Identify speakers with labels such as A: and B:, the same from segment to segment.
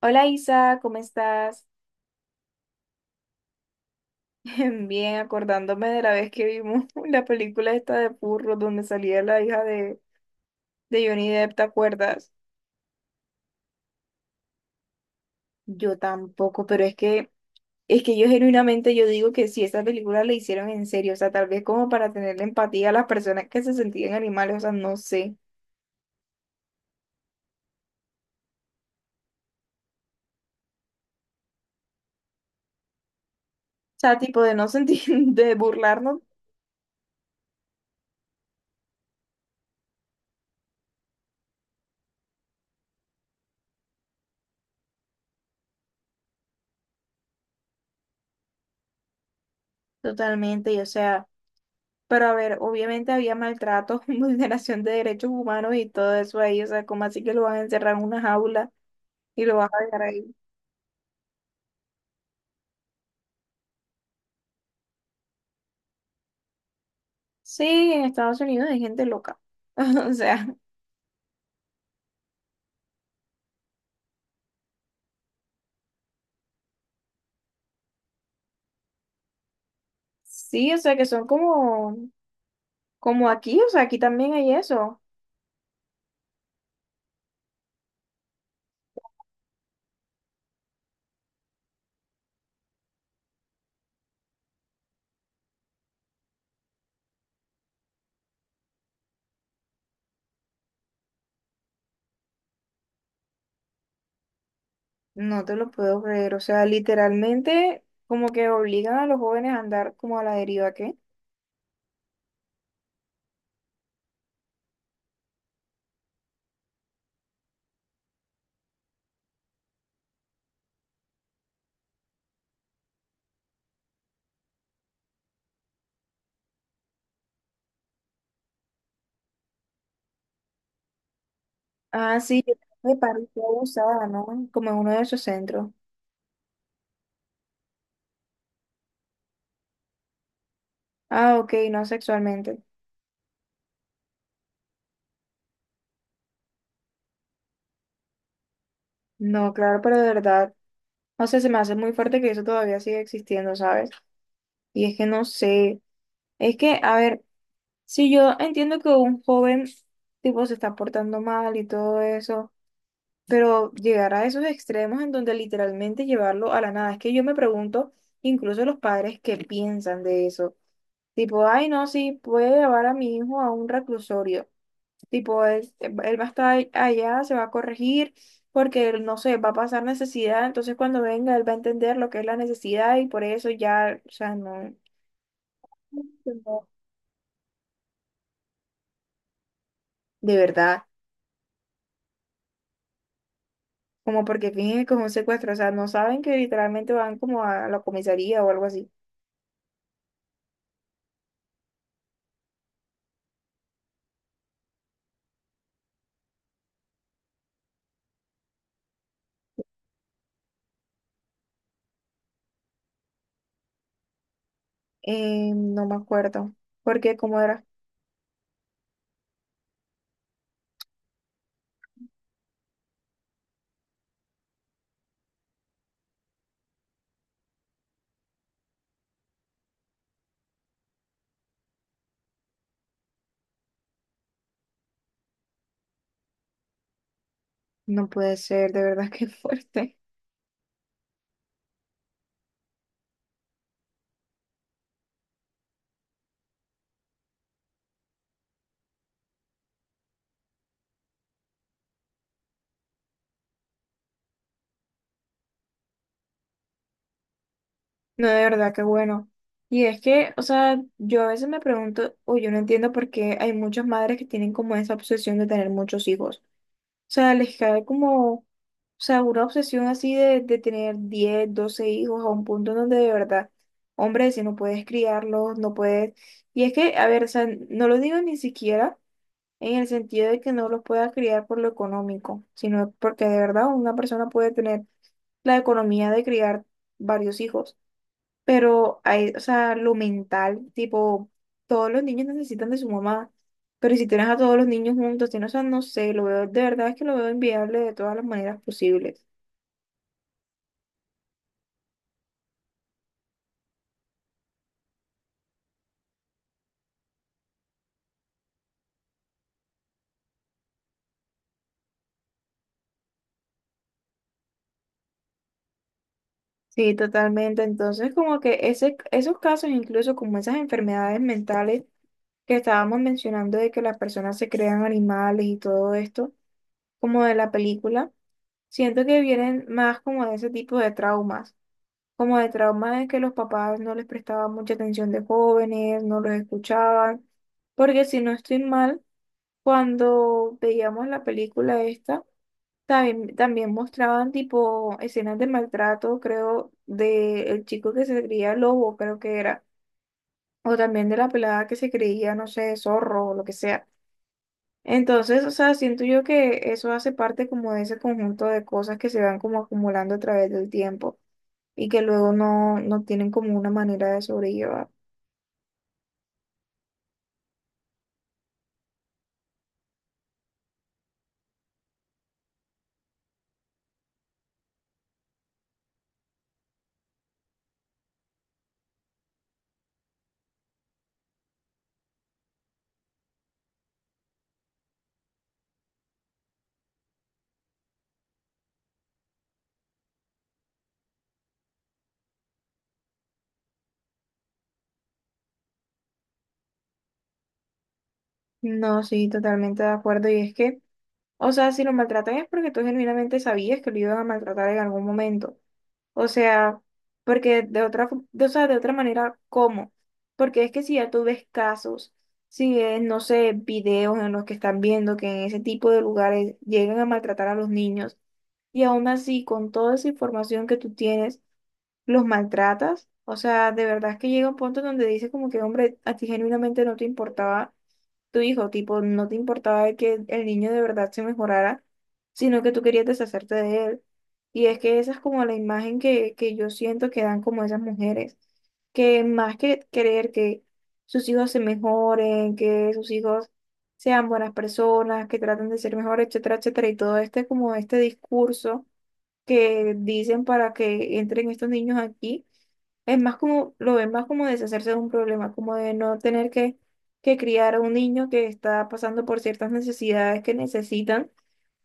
A: Hola Isa, ¿cómo estás? Bien, acordándome de la vez que vimos la película esta de Purro, donde salía la hija de Johnny Depp, ¿te acuerdas? Yo tampoco, pero es que yo genuinamente yo digo que si esa película la hicieron en serio, o sea, tal vez como para tenerle empatía a las personas que se sentían animales, o sea, no sé. O sea, tipo de no sentir, de burlarnos totalmente, y o sea, pero a ver, obviamente había maltrato, vulneración de derechos humanos y todo eso ahí, o sea, como así que, ¿lo van a encerrar en una jaula? Y lo vas a dejar ahí. Sí, en Estados Unidos hay gente loca. O sea, sí, o sea que son como, como aquí, o sea, aquí también hay eso. No te lo puedo creer, o sea, literalmente como que obligan a los jóvenes a andar como a la deriva, ¿qué? Ah, sí, yo me pareció abusada, ¿no? Como en uno de esos centros. Ah, ok, no sexualmente. No, claro, pero de verdad, o sea, se me hace muy fuerte que eso todavía siga existiendo, ¿sabes? Y es que no sé, es que, a ver. Sí, yo entiendo que un joven tipo se está portando mal y todo eso, pero llegar a esos extremos en donde literalmente llevarlo a la nada, es que yo me pregunto, incluso los padres, ¿qué piensan de eso? Tipo, ay, no, sí, puede llevar a mi hijo a un reclusorio. Tipo, él va a estar allá, se va a corregir, porque él, no sé, va a pasar necesidad, entonces cuando venga él va a entender lo que es la necesidad y por eso ya, o sea, no, no, de verdad. Como porque fingen que es un secuestro, o sea, no saben que literalmente van como a la comisaría o algo así. No me acuerdo, porque cómo era, no puede ser, de verdad que fuerte, no, de verdad que bueno. Y es que, o sea, yo a veces me pregunto, o yo no entiendo por qué hay muchas madres que tienen como esa obsesión de tener muchos hijos. O sea, les cae como, o sea, una obsesión así de tener 10 12 hijos a un punto en donde de verdad, hombre, si no puedes criarlos, no puedes. Y es que, a ver, o sea, no lo digo ni siquiera en el sentido de que no los pueda criar por lo económico, sino porque de verdad una persona puede tener la economía de criar varios hijos, pero hay, o sea, lo mental, tipo, todos los niños necesitan de su mamá, pero si tienes a todos los niños juntos, tienes, o sea, no sé, lo veo, de verdad es que lo veo inviable de todas las maneras posibles. Sí, totalmente. Entonces, como que esos casos, incluso como esas enfermedades mentales que estábamos mencionando de que las personas se crean animales y todo esto, como de la película, siento que vienen más como de ese tipo de traumas. Como de trauma de que los papás no les prestaban mucha atención de jóvenes, no los escuchaban, porque si no estoy mal, cuando veíamos la película esta, también mostraban tipo escenas de maltrato, creo, de el chico que se creía lobo, creo que era, o también de la pelada que se creía, no sé, zorro o lo que sea. Entonces, o sea, siento yo que eso hace parte como de ese conjunto de cosas que se van como acumulando a través del tiempo y que luego no tienen como una manera de sobrellevar. No, sí, totalmente de acuerdo. Y es que, o sea, si lo maltratan es porque tú genuinamente sabías que lo iban a maltratar en algún momento. O sea, porque de otra, de, o sea, de otra manera, ¿cómo? Porque es que si ya tú ves casos, si ves, no sé, videos en los que están viendo que en ese tipo de lugares llegan a maltratar a los niños, y aún así, con toda esa información que tú tienes, los maltratas. O sea, de verdad es que llega un punto donde dices como que, hombre, a ti genuinamente no te importaba tu hijo, tipo, no te importaba que el niño de verdad se mejorara, sino que tú querías deshacerte de él. Y es que esa es como la imagen que yo siento que dan como esas mujeres, que más que querer que sus hijos se mejoren, que sus hijos sean buenas personas, que traten de ser mejores, etcétera, etcétera, y todo este como este discurso que dicen para que entren estos niños aquí. Es más como, lo ven más como deshacerse de un problema, como de no tener que criar a un niño que está pasando por ciertas necesidades que necesitan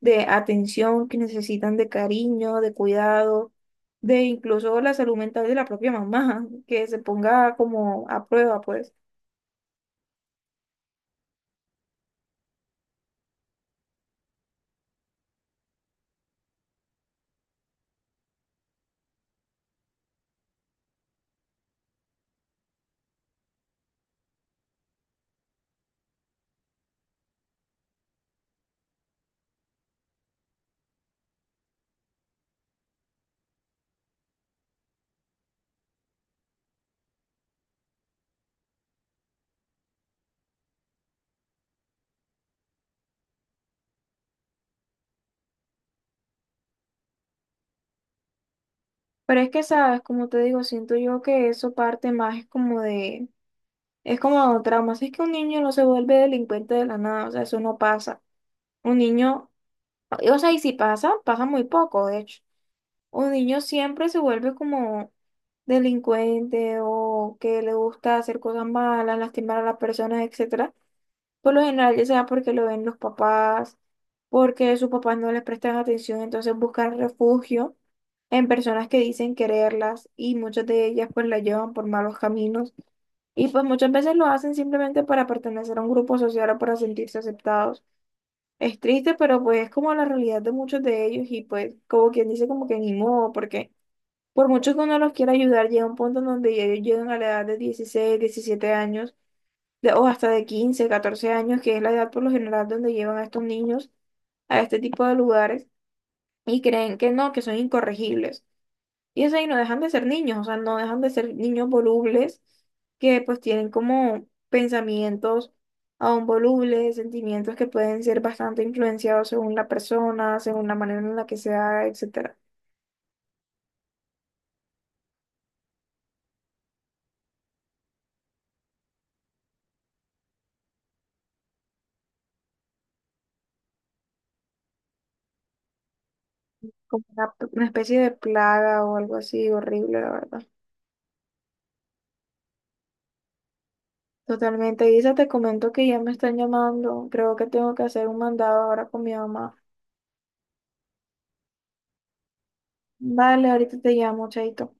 A: de atención, que necesitan de cariño, de cuidado, de incluso la salud mental de la propia mamá, que se ponga como a prueba, pues. Pero es que, sabes, como te digo, siento yo que eso parte más es como de, es como traumas, es que un niño no se vuelve delincuente de la nada, o sea, eso no pasa. Un niño, o sea, y si pasa, pasa muy poco, de hecho. Un niño siempre se vuelve como delincuente o que le gusta hacer cosas malas, lastimar a las personas, etcétera. Por lo general, ya sea porque lo ven los papás, porque sus papás no les prestan atención, entonces buscan refugio en personas que dicen quererlas y muchas de ellas pues la llevan por malos caminos. Y pues muchas veces lo hacen simplemente para pertenecer a un grupo social o para sentirse aceptados. Es triste, pero pues es como la realidad de muchos de ellos y pues como quien dice como que ni modo, porque por mucho que uno los quiera ayudar, llega un punto en donde ya ellos llegan a la edad de 16 17 años, o hasta de 15 14 años, que es la edad por lo general donde llevan a estos niños a este tipo de lugares y creen que no, que son incorregibles. Y es ahí, no dejan de ser niños, o sea, no dejan de ser niños volubles que pues tienen como pensamientos aún volubles, sentimientos que pueden ser bastante influenciados según la persona, según la manera en la que sea, etcétera. Como una especie de plaga o algo así horrible, la verdad. Totalmente, Isa, te comento que ya me están llamando. Creo que tengo que hacer un mandado ahora con mi mamá. Vale, ahorita te llamo, chaito.